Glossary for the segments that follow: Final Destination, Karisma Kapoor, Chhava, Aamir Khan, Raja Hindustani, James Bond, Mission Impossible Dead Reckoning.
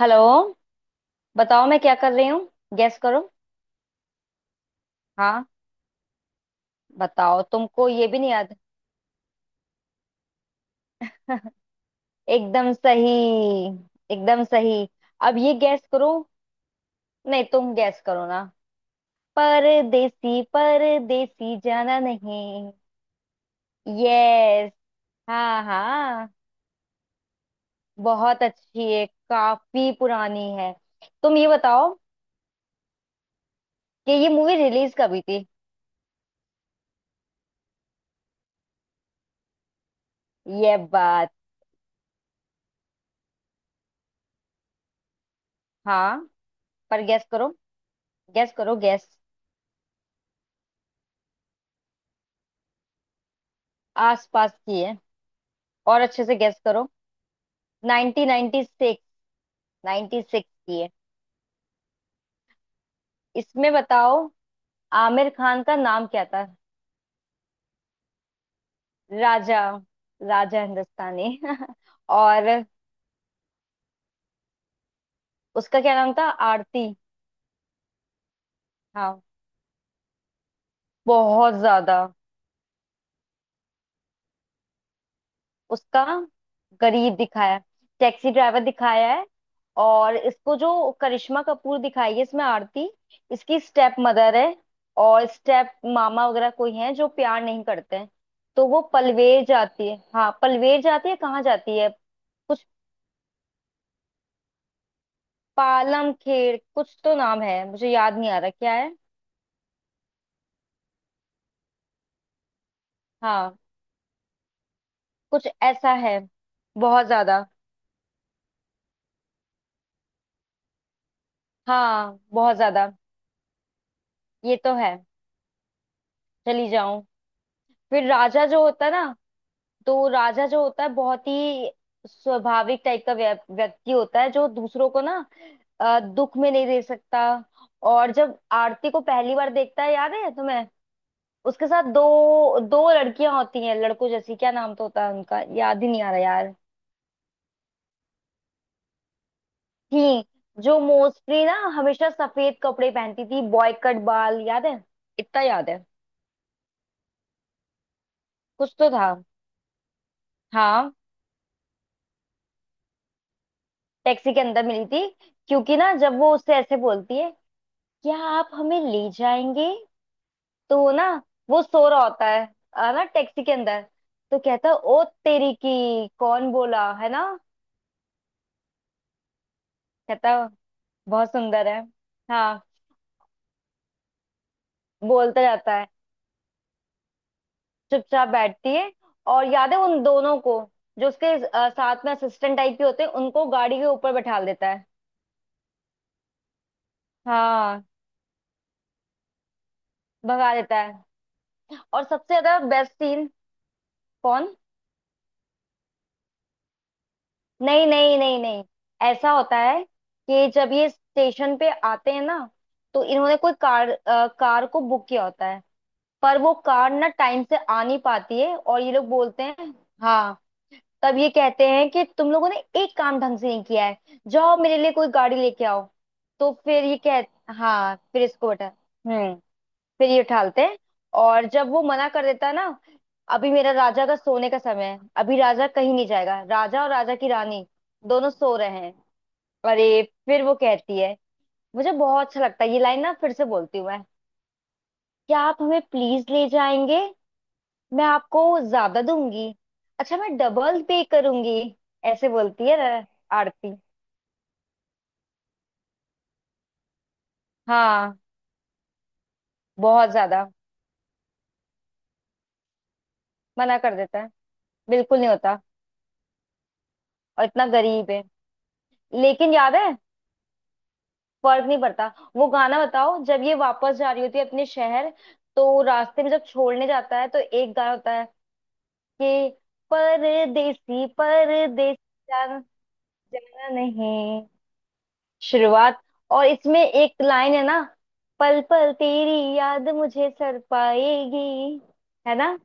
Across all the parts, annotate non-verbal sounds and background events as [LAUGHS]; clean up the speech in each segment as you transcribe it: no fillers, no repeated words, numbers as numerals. Hello. बताओ मैं क्या कर रही हूँ। गेस करो। हाँ। बताओ तुमको ये भी नहीं याद। एकदम सही। एकदम सही। अब ये गेस करो। नहीं तुम गेस करो ना। परदेसी परदेसी जाना नहीं। यस। हाँ हाँ, बहुत अच्छी है, काफी पुरानी है। तुम ये बताओ कि ये मूवी रिलीज कब हुई थी। ये बात। हाँ, पर गेस करो। गेस करो गेस। आसपास की है और अच्छे से गेस करो। 1996। 96 की है। इसमें बताओ आमिर खान का नाम क्या था। राजा। राजा हिंदुस्तानी। [LAUGHS] और उसका क्या नाम था। आरती। हाँ, बहुत ज्यादा। उसका गरीब दिखाया, टैक्सी ड्राइवर दिखाया है। और इसको जो करिश्मा कपूर दिखाई है इसमें आरती, इसकी स्टेप मदर है। और स्टेप मामा वगैरह कोई हैं जो प्यार नहीं करते हैं। तो वो पलवेर जाती है। हाँ पलवेर जाती है। कहाँ जाती है कुछ। पालम खेर कुछ तो नाम है, मुझे याद नहीं आ रहा क्या है। हाँ कुछ ऐसा है। बहुत ज्यादा। हाँ बहुत ज्यादा। ये तो है। चली जाऊं। फिर राजा जो होता है ना, तो राजा जो होता है बहुत ही स्वाभाविक टाइप का व्यक्ति होता है जो दूसरों को ना दुख में नहीं दे सकता। और जब आरती को पहली बार देखता है, याद है तुम्हें? उसके साथ दो दो लड़कियां होती हैं लड़कों जैसी, क्या नाम तो होता है उनका याद ही नहीं आ रहा यार। थी जो मोस्टली ना हमेशा सफेद कपड़े पहनती थी, बॉय कट बाल। याद है? इतना याद है। कुछ तो था। हाँ, टैक्सी के अंदर मिली थी। क्योंकि ना जब वो उससे ऐसे बोलती है, क्या आप हमें ले जाएंगे। तो ना वो सो रहा होता है ना टैक्सी के अंदर। तो कहता है, ओ तेरी की कौन बोला है ना। कहता, बहुत सुंदर है। हाँ बोलता जाता है, चुपचाप बैठती है। और याद है उन दोनों को जो उसके साथ में असिस्टेंट टाइप के होते हैं, उनको गाड़ी के ऊपर बैठा देता है। हाँ भगा देता है। और सबसे ज्यादा बेस्ट सीन। कौन? नहीं नहीं नहीं नहीं। ऐसा होता है कि जब ये स्टेशन पे आते हैं ना, तो इन्होंने कोई कार कार को बुक किया होता है। पर वो कार ना टाइम से आ नहीं पाती है और ये लोग बोलते हैं। हाँ। तब ये कहते हैं कि तुम लोगों ने एक काम ढंग से नहीं किया है। जाओ मेरे लिए कोई गाड़ी लेके आओ। तो फिर ये कह, हाँ फिर इसको उठा। हम्म। फिर ये उठालते हैं। और जब वो मना कर देता है ना, अभी मेरा राजा का सोने का समय है, अभी राजा कहीं नहीं जाएगा। राजा और राजा की रानी दोनों सो रहे हैं। अरे फिर वो कहती है, मुझे बहुत अच्छा लगता है ये लाइन ना, फिर से बोलती हूँ मैं। क्या आप हमें प्लीज ले जाएंगे। मैं आपको ज्यादा दूंगी। अच्छा मैं डबल पे करूंगी। ऐसे बोलती है ना आरती। हाँ बहुत ज्यादा। मना कर देता है। बिल्कुल नहीं होता। और इतना गरीब है। लेकिन याद है, फर्क नहीं पड़ता। वो गाना बताओ जब ये वापस जा रही होती है अपने शहर, तो रास्ते में जब छोड़ने जाता है तो एक गाना होता है कि परदेसी परदेसी जाना जाना नहीं। शुरुआत। और इसमें एक लाइन है ना, पल पल तेरी याद मुझे सर पाएगी। है ना?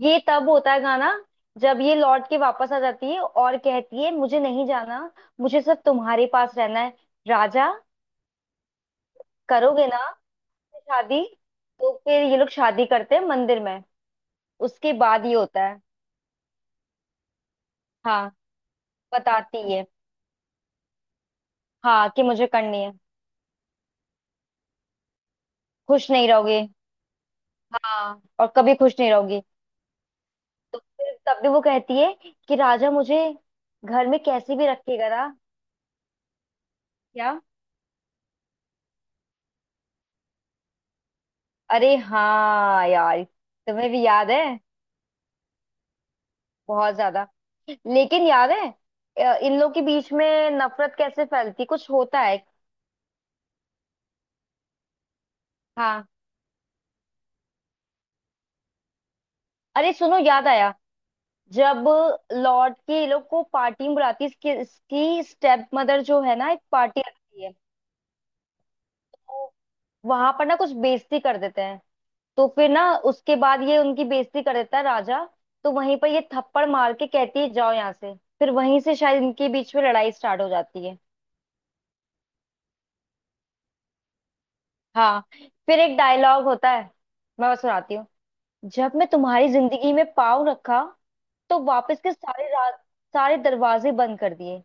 ये तब होता है गाना जब ये लौट के वापस आ जाती है और कहती है, मुझे नहीं जाना, मुझे सिर्फ तुम्हारे पास रहना है राजा। करोगे ना शादी? तो फिर ये लोग शादी करते हैं मंदिर में। उसके बाद ये होता है। हाँ बताती है। हाँ कि मुझे करनी है। खुश नहीं रहोगे। हाँ और कभी खुश नहीं रहोगी। तो फिर तब भी वो कहती है कि राजा मुझे घर में कैसे भी रखेगा ना। क्या? अरे हाँ यार, तुम्हें भी याद है। बहुत ज्यादा। लेकिन याद है इन लोग के बीच में नफरत कैसे फैलती कुछ होता है। हाँ। अरे सुनो याद आया, जब लॉर्ड की ये लोग को पार्टी में बुलाती है, इसकी स्टेप मदर जो है ना, एक पार्टी रखती है। तो वहां पर ना कुछ बेइज्जती कर देते हैं। तो फिर ना उसके बाद ये उनकी बेइज्जती कर देता है राजा। तो वहीं पर ये थप्पड़ मार के कहती है जाओ यहाँ से, फिर वहीं से शायद इनके बीच में लड़ाई स्टार्ट हो जाती है। हाँ। फिर एक डायलॉग होता है, मैं बस सुनाती हूँ। जब मैं तुम्हारी जिंदगी में पाँव रखा, तो वापस के सारे दरवाजे बंद कर दिए।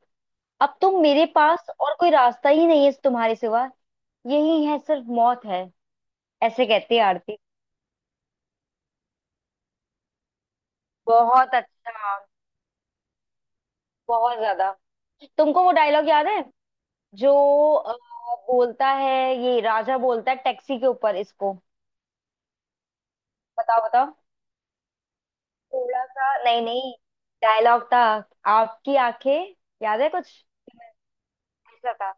अब तुम मेरे पास और कोई रास्ता ही नहीं है तुम्हारे सिवा। यही है, सिर्फ मौत है। ऐसे कहती है आरती। बहुत अच्छा। बहुत ज्यादा। तुमको वो डायलॉग याद है जो अ, बोलता है, ये राजा बोलता है टैक्सी के ऊपर इसको। बताओ बताओ। थोड़ा सा नहीं नहीं, डायलॉग था। आपकी आंखें। याद है कुछ ऐसा था।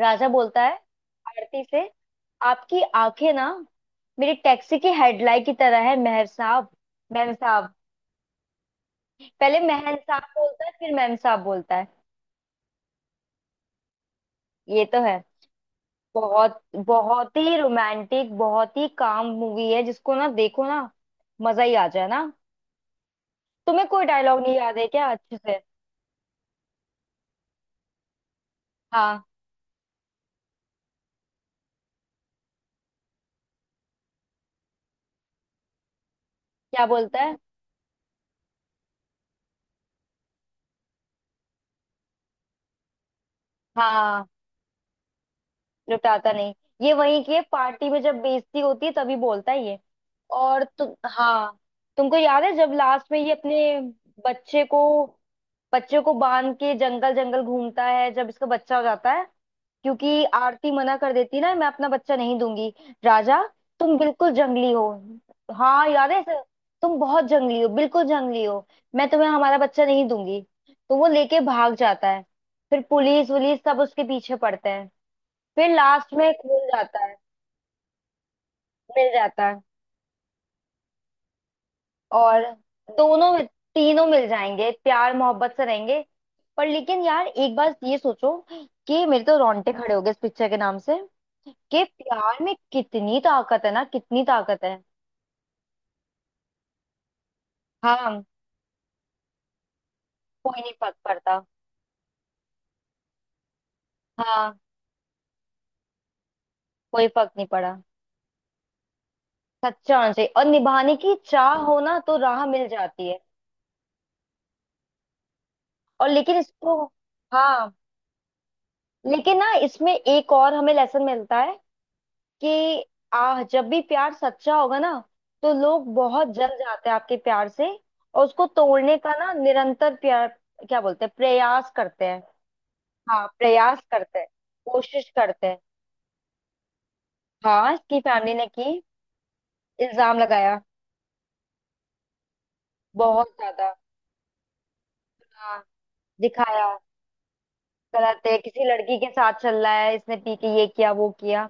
राजा बोलता है आरती से, आपकी आंखें ना मेरी टैक्सी की हेडलाइट की तरह है मेहर साहब। मैम साहब। पहले महन साहब बोलता है, फिर मैम साहब बोलता है। ये तो है। बहुत, बहुत ही रोमांटिक, बहुत ही काम मूवी है, जिसको ना देखो ना मजा ही आ जाए ना। तुम्हें कोई डायलॉग नहीं याद है क्या अच्छे से? हाँ। क्या बोलता है? हाँ लुटाता नहीं। ये वही की है, पार्टी में जब बेइज्जती होती है तभी बोलता है ये। और हाँ, तुमको याद है जब लास्ट में ये अपने बच्चे को बच्चे को बांध के जंगल जंगल घूमता है जब इसका बच्चा हो जाता है। क्योंकि आरती मना कर देती ना, मैं अपना बच्चा नहीं दूंगी राजा, तुम बिल्कुल जंगली हो। हाँ याद है इसे? तुम बहुत जंगली हो, बिल्कुल जंगली हो। मैं तुम्हें हमारा बच्चा नहीं दूंगी। तो वो लेके भाग जाता है, फिर पुलिस वुलिस सब उसके पीछे पड़ते हैं। फिर लास्ट में खुल जाता है, मिल जाता है। और दोनों, तीनों मिल जाएंगे, प्यार मोहब्बत से रहेंगे। पर लेकिन यार एक बार ये सोचो कि मेरे तो रोंगटे खड़े हो गए इस पिक्चर के नाम से, कि प्यार में कितनी ताकत है ना, कितनी ताकत है। हाँ कोई नहीं फर्क पड़ता। हाँ कोई फर्क नहीं पड़ा। सच्चा होना चाहिए और निभाने की चाह हो ना तो राह मिल जाती है। और लेकिन इसको, हाँ, लेकिन ना इसमें एक और हमें लेसन मिलता है, कि आ जब भी प्यार सच्चा होगा ना, तो लोग बहुत जल जाते हैं आपके प्यार से। और उसको तोड़ने का ना निरंतर प्यार, क्या बोलते हैं, प्रयास करते हैं। हाँ प्रयास करते हैं, कोशिश करते हैं। हाँ इसकी फैमिली ने की, इल्जाम लगाया। बहुत ज्यादा। हाँ दिखाया, गलत है, किसी लड़की के साथ चल रहा है, इसने पी के ये किया वो किया।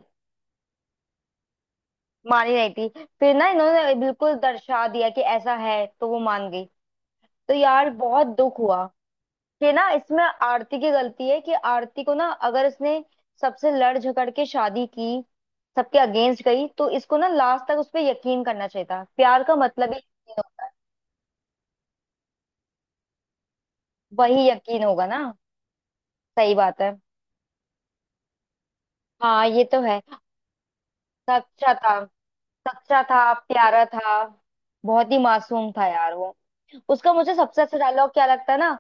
मानी नहीं थी। फिर ना इन्होंने बिल्कुल दर्शा दिया कि ऐसा है तो वो मान गई। तो यार बहुत दुख हुआ। ये ना इसमें आरती की गलती है कि आरती को ना, अगर इसने सबसे लड़ झगड़ के शादी की, सबके अगेंस्ट गई, तो इसको ना लास्ट तक उस पर यकीन करना चाहिए था, प्यार का मतलब ही यकीन होता है। वही यकीन होगा ना। सही बात है। हाँ ये तो है। सच्चा था। सच्चा था, प्यारा था, बहुत ही मासूम था यार वो। उसका मुझे सबसे अच्छा डायलॉग क्या लगता है ना,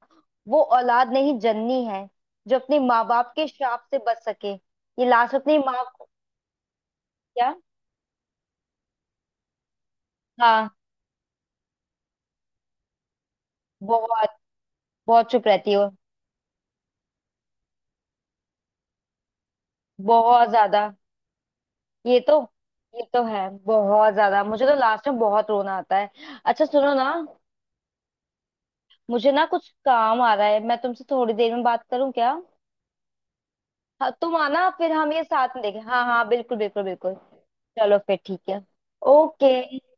वो औलाद नहीं जन्नी है जो अपने माँ बाप के श्राप से बच सके, ये लास्ट अपनी माँ को। क्या? हाँ। बहुत, बहुत चुप रहती हो। बहुत ज्यादा। ये तो, ये तो है बहुत ज्यादा, मुझे तो लास्ट में बहुत रोना आता है। अच्छा सुनो ना, मुझे ना कुछ काम आ रहा है, मैं तुमसे थोड़ी देर में बात करूं क्या? हाँ, तुम आना फिर हम ये साथ में देखें। हाँ हाँ बिल्कुल बिल्कुल बिल्कुल। चलो फिर ठीक है। ओके।